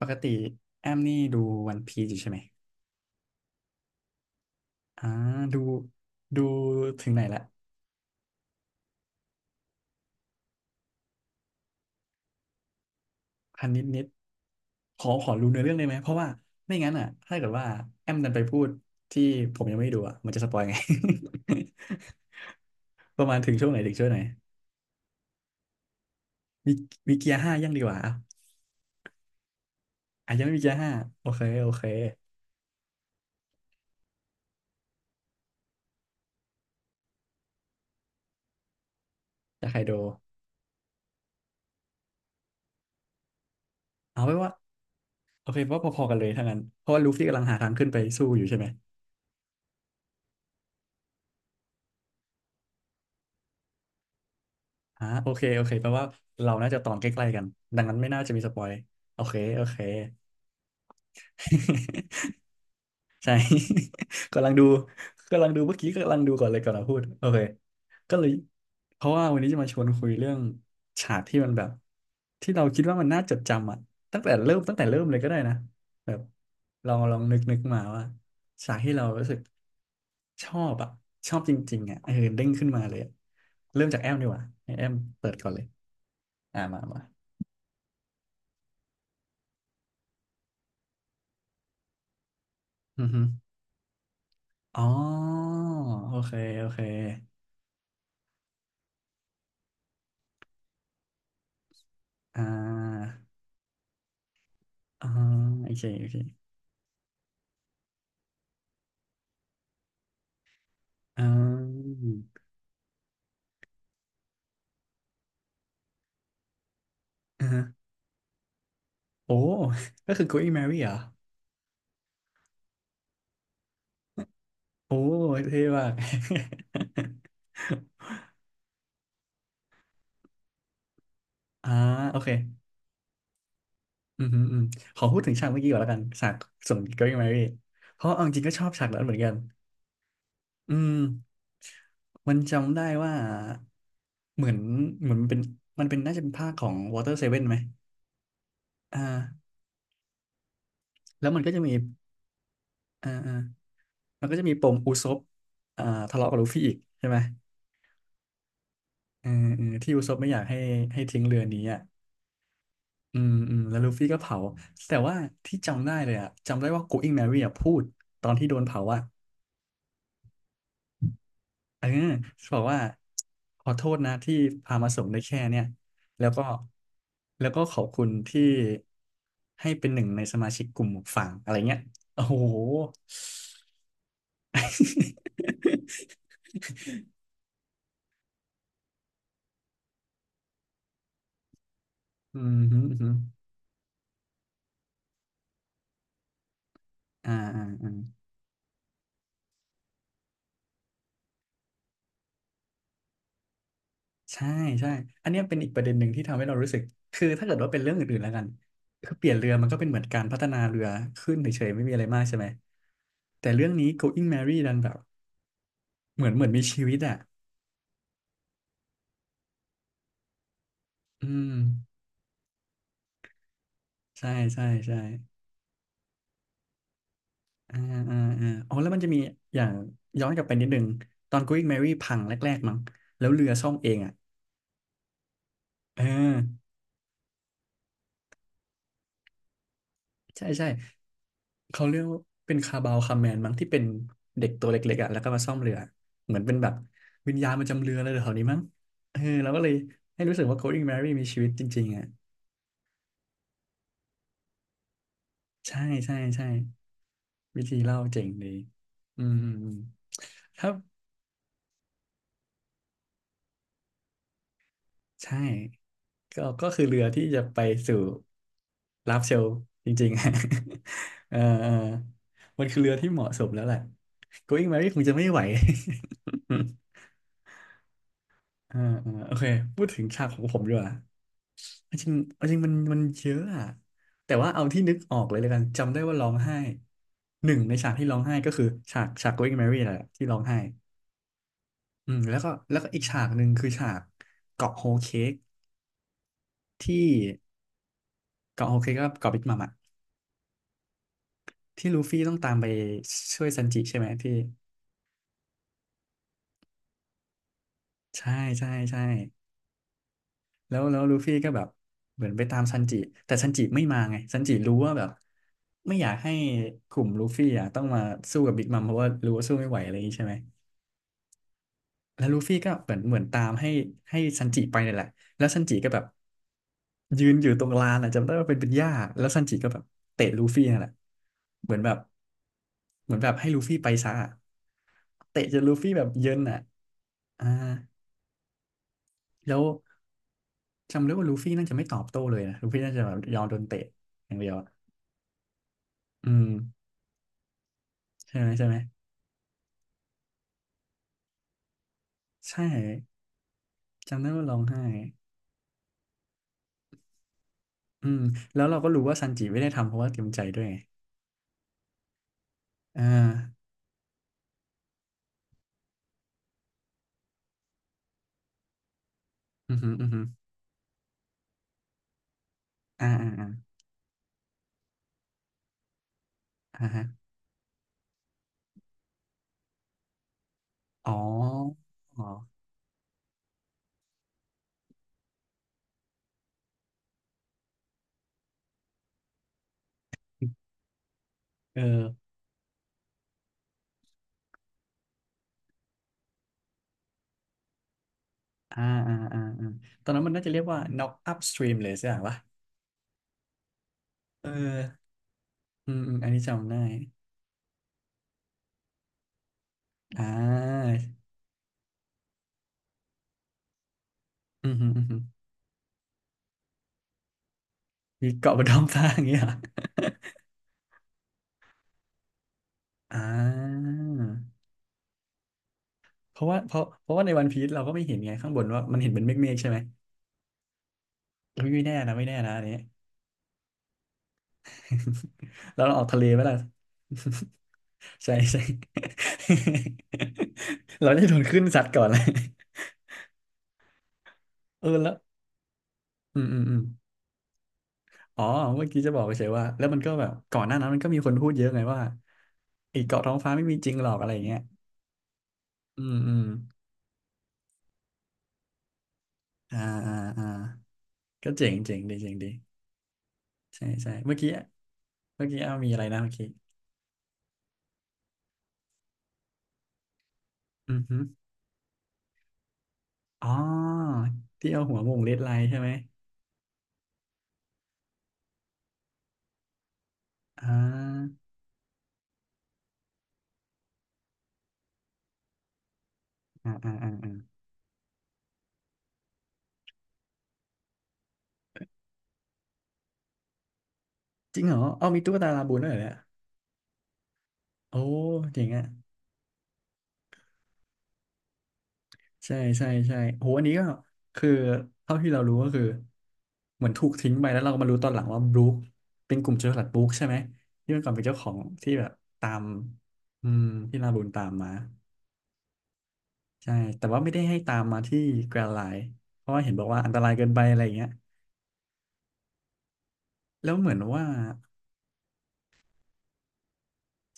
ปกติแอมนี่ดูวันพีซอยู่ใช่ไหม อ่า ดู ดูถึงไหนละพันนิดนิดขอรู้เนื้อเรื่องได้ไหม เพราะว่าไม่งั้นอ่ะถ้าเกิดว่าแอมดันไปพูดที่ผมยังไม่ดูอ่ะมันจะสปอยไง ประมาณถึงช่วงไหนถึงช่วงไหนมีมีเกียร์ห้ายังดีกว่าอ่ะอ่ะยังไม่มีเกียร์ห้าโอเค โอเค จะใครโดเอาไว้ว่า โอเคเพราะพอๆกันเลยถ้างั้นเพราะว่าลูฟี่กำลังหาทางขึ้นไปสู้อยู่ใช่ไหม อ่าโอเคโอเคแปลว่าเราน่าจะตอนใกล้ๆกันดังนั้นไม่น่าจะมีสปอยโอเคโอเค ใช่ กำลังดูกำลังดูเมื่อกี้กำลังดูก่อนเลยก่อนเราพูดโอเคก็เลยเพราะว่าวันนี้จะมาชวนคุยเรื่องฉากที่มันแบบที่เราคิดว่ามันน่าจดจำอะตั้งแต่เริ่มตั้งแต่เริ่มเลยก็ได้นะแบบลองลองนึกนึกมาว่าฉากที่เรารู้สึกชอบอะชอบจริงๆอะเออเด้งขึ้นมาเลยอะเริ่มจากแอมดีกว่าให้แอมเปิดก่อนเลยอ่ามามา อือฮึอ๋อโอเคโอเคอ่าอ่าโอเคโอเคอ่าอ่าฮะโอ้ ก็คือ Going Mary เหรอโอ้เท่มาก อ่าโอเคอืมอฮออืมขอพูดถึงฉากเมื่อกี้ก่อนแล้วกันฉากส่วน Going Mary เพราะเอาจริงก็ชอบฉากนั้นเหมือนกันอืมมันจำได้ว่าเหมือนเหมือนมันเป็นน่าจะเป็นภาคของ Water Seven ไหมอ่าแล้วมันก็จะมีอ่า มันก็จะมีปมอุซบอ่าทะเลาะกับลูฟี่อีกใช่ไหมเออเออที่อุซบไม่อยากให้ทิ้งเรือนี้อ่ะอืมอืมแล้วลูฟี่ก็เผาแต่ว่าที่จำได้เลยอ่ะจำได้ว่ากุ๊กอิงแมรี่อ่ะพูดตอนที่โดนเผาอ่ะเออบอกว่าขอโทษนะที่พามาส่งได้แค่เนี่ยแล้วก็แล้วก็ขอบคุณที่ให้เป็นหนึ่งในสมาชิกกลุ่มหมวกฟางอะไรเงี้ยโอ้โห อืมฮึอืมฮึอ่าอ่าอ่า ใช่ใช่อันเนี้ยเป็นอีกประเด็นหนึ่งที่ทำให้เรารู้สึก คือถ้าเกิดว่าเป็นเรื่องอื่นๆแล้วกันคือเปลี่ยนเรือมันก็เป็นเหมือนการพัฒนาเรือขึ้นเฉยๆไม่มีอะไรมากใช่ไหมแต่เรื่องนี้ Going Merry ดันแบบเหมือนเหมือนมีชีวิตอ่ะอืมใช่ใช่ใช่อ่าอ่าอ่าอ๋อแล้วมันจะมีอย่างย้อนกลับไปนิดนึงตอน Going Merry พังแรกๆมั้งแล้วเรือซ่อมเองอ่ะเออ ใช่ใช่เขาเรียกว่าเป็นคาบาวคาแมนมั้งที่เป็นเด็กตัวเล็กๆอ่ะแล้วก็มาซ่อมเรือเหมือนเป็นแบบวิญญาณประจำเรืออะไรแถวนี้มั้งเออเราก็เลยให้รู้สึกว่าโค i ิ g งแมรี่มีชีวิตจริงๆอ่ะใช่ใช่ใช่วิธีเล่าเจ๋งดีอืมอืมอืมถ้าใช่ก็คือเรือที่จะไปสู่ลาฟเชลจริงๆ เออเออมันคือเรือที่เหมาะสมแล้วแหละ Going m e r y คงจะไม่ไหว อ่าอ่าโอเคพูดถึงฉากของผมดีกว่าเอาจริงเอาจริงมันมันเยอะอะแต่ว่าเอาที่นึกออกเลยแล้วกันจำได้ว่าร้องไห้หนึ่งในฉากที่ร้องไห้ก็คือฉากฉาก Going Mary แหละที่ร้องไห้อืมแล้วก็แล้วก็อีกฉากหนึ่งคือฉากเกาะโฮลเค้กที่เกาะโฮลเค้กก็เกาะบิ๊กมัมอะที่ลูฟี่ต้องตามไปช่วยซันจิใช่ไหมที่ใช่ใช่ใช่ แล้วลูฟี่ก็แบบเหมือนไปตามซันจิแต่ซันจิไม่มาไงซันจิรู้ว่าแบบไม่อยากให้กลุ่มลูฟี่อ่ะต้องมาสู้กับบิ๊กมัมเพราะว่ารู้ว่าสู้ไม่ไหวอะไรอย่างนี้ใช่ไหมแล้วลูฟี่ก็เหมือนเหมือนตามให้ซันจิไปนี่นแหละแล้วซันจิก็แบบยืนอยู่ตรงลานอ่ะจำได้ว่าเป็นหญ้าแล้วซันจิก็แบบเตะลูฟี่นั่นแหละเหมือนแบบเหมือนแบบให้ลูฟี่ไปซะอะเตะจนลูฟี่แบบเยินอ่ะอ่าแล้ว จำได้ว่าลูฟี่น่าจะไม่ตอบโต้เลยนะลูฟี่น่าจะแบบยอมโดนเตะอย่างเดียวอะอืมใช่ไหมใช่ไหมใช่จำได้ว่าร้องไห้อืมแล้วเราก็รู้ว่าซันจิไม่ได้ทำเพราะว่าเต็มใจด้วยไงอ่าอือหืออือหืออ่าอ่าอ่าอ่าฮะอ๋ออ๋อเอออ่าอ่าอ่าอ่าตอนนั้นมันน่าจะเรียกว่า knock up stream เลยใชกอย่าวะเอออืมอืมอันนี้จำได้อ่าอือหืออือหือมีเกาะบนท้องฟ้าอย่างเงี้ยเหรออ่า เพราะว่าเพราะว่าในวันพีซเราก็ไม่เห็นไงข้างบนว่ามันเห็นเป็นเมฆใช่ไหมอุ๊ยไม่แน่นะไม่แน่นะอันนี้ แล้วเราออกทะเลไหมล่ะ ใช่ใช่ เราได้โดนขึ้นซัดก่อน เลยเออแล้วอืมอืมอืมอ๋อเมื่อกี้จะบอกเฉยๆว่าแล้วมันก็แบบก่อนหน้านั้นมันก็มีคนพูดเยอะไงว่าไอ้เกาะท้องฟ้าไม่มีจริงหรอกอะไรอย่างเงี้ยอืมอืมอ่าอ่าอ่าก็เจ๋งดีใช่ใช่เมื่อกี้เมื่อกี้เอามีอะไรนะเมื่อกี้อือฮึอ๋อที่เอาหัวหมุงเรดไลท์ใช่ไหม อ่าอ่าอ่าอ่าอ่าจริงเหรอเอามีตุ๊กตาลาบูนด้วยเหรอเนี่ยโอ้เจรงอ่ะใช่ใช่ใช่โหอันนี้ก็คือเท่าที่เรารู้ก็คือเหมือนถูกทิ้งไปแล้วเราก็มารู้ตอนหลังว่าบรูคเป็นกลุ่มโจรสลัดบรูคใช่ไหมที่เมื่อก่อนเป็นเจ้าของที่แบบตามอืมที่ลาบูนตามมาใช่แต่ว่าไม่ได้ให้ตามมาที่แกรนด์ไลน์เพราะว่าเห็นบอกว่าอันตรายเกินไปอะไรอย่างเงี้ยแล้วเหมือนว่า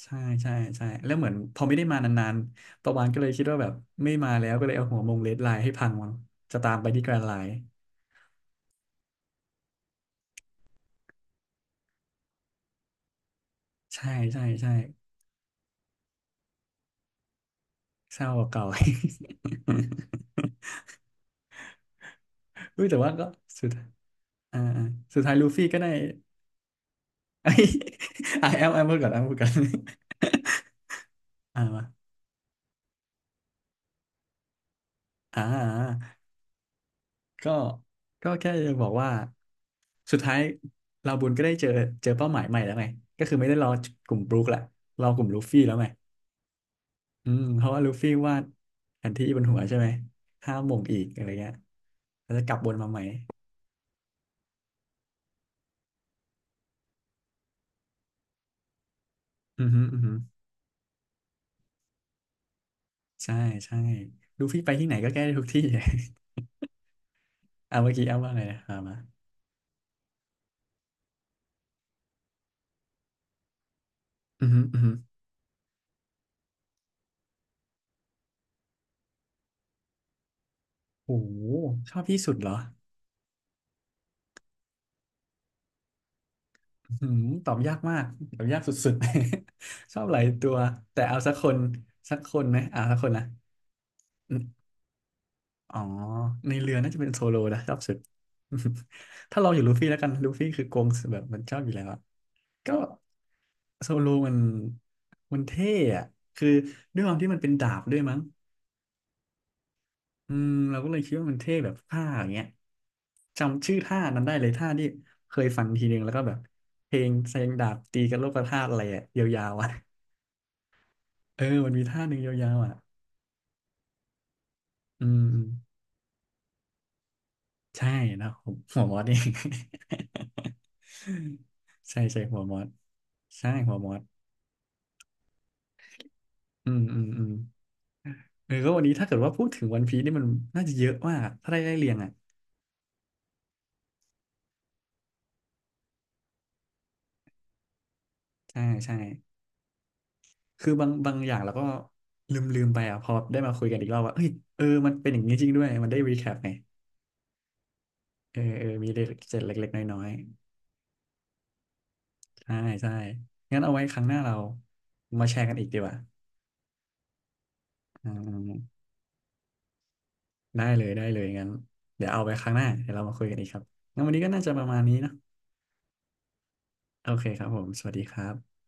ใช่ใช่ใช่แล้วเหมือนพอไม่ได้มานานๆประวานก็เลยคิดว่าแบบไม่มาแล้วก็เลยเอาหัวมงเลดไลน์ให้พังมันจะตามไปที่แกรนด์ไลน์ใช่ใช่ใช่เศร้ากว่าเก่า อุ้ยแต่ว่าก็สุด อ่าอ่า สุดท้ายลูฟี่ก็ได้ ไอ้ไอ้แอมพูดก่อนแอมพูดก่อน อ่ามาอ่าอ่าก็ก็แค่จะบอกว่าสุดท้ายลาบูนก็ได้เจอเจอเป้าหมายใหม่แล้วไงก็คือไม่ได้รอกลุ่มบรูคละรอกลุ่มลูฟี่แล้วไง อืมเพราะว่าลูฟี่วาดแผนที่บนหัวใช่ไหม ห้ามหม่งอีกอะไรเงี้ยแล้วจะกลับวนมาใหม่อือฮึอือฮึใช่ใช่ลูฟี่ไปที่ไหนก็แก้ได้ทุกที่ อ่าเมื่อกี้แอาว่าไงนะอ่ามาอือฮึอือฮึโอ้โหชอบที่สุดเหรออืมตอบยากมากตอบยากสุดๆ ชอบหลายตัวแต่เอาสักคนสักคนไหมอ่าสักคนนะ อ๋อในเรือน่าจะเป็นโซโลนะชอบสุด ถ้าเราอยู่ลูฟี่แล้วกันลูฟี่คือโกงแบบมันชอบอยู่แล้วอะก็โซโลมันเท่อะคือด้วยความที่มันเป็นดาบด้วยมั้งอืมเราก็เลยคิดว่ามันเท่แบบท่าอย่างเงี้ยจำชื่อท่านั้นได้เลยท่าที่เคยฟังทีนึงแล้วก็แบบเพลงแสดงดาบตีกันโลกธาตุอะไรอะยาวๆอะเออมันมีท่าหนึ่งยาวๆอะอืม ใช่นะผม หัวมอสเอง ใช่ใช่หัวมอสใช่หัวมอสอืมอืมอืมเออก็วันนี้ถ้าเกิดว่าพูดถึงวันพีซนี่มันน่าจะเยอะมากถ้าได้ไล่เรียงอ่ะใช่ใช่คือบางอย่างเราก็ลืมไปอ่ะพอได้มาคุยกันอีกรอบว่าเอ้ยเออมันเป็นอย่างนี้จริงด้วยมันได้รีแคปไงเออเออมีเจ็ดเล็กๆน้อยๆใช่ใช่งั้นเอาไว้ครั้งหน้าเรามาแชร์กันอีกดีกว่าอ่า ได้เลยได้เลยงั้นเดี๋ยวเอาไปครั้งหน้าเดี๋ยวเรามาคุยกันอีกครับงั้นวันนี้ก็น่าจะประมาณนี้เนอะโอเคครับผมสวัสดีครับ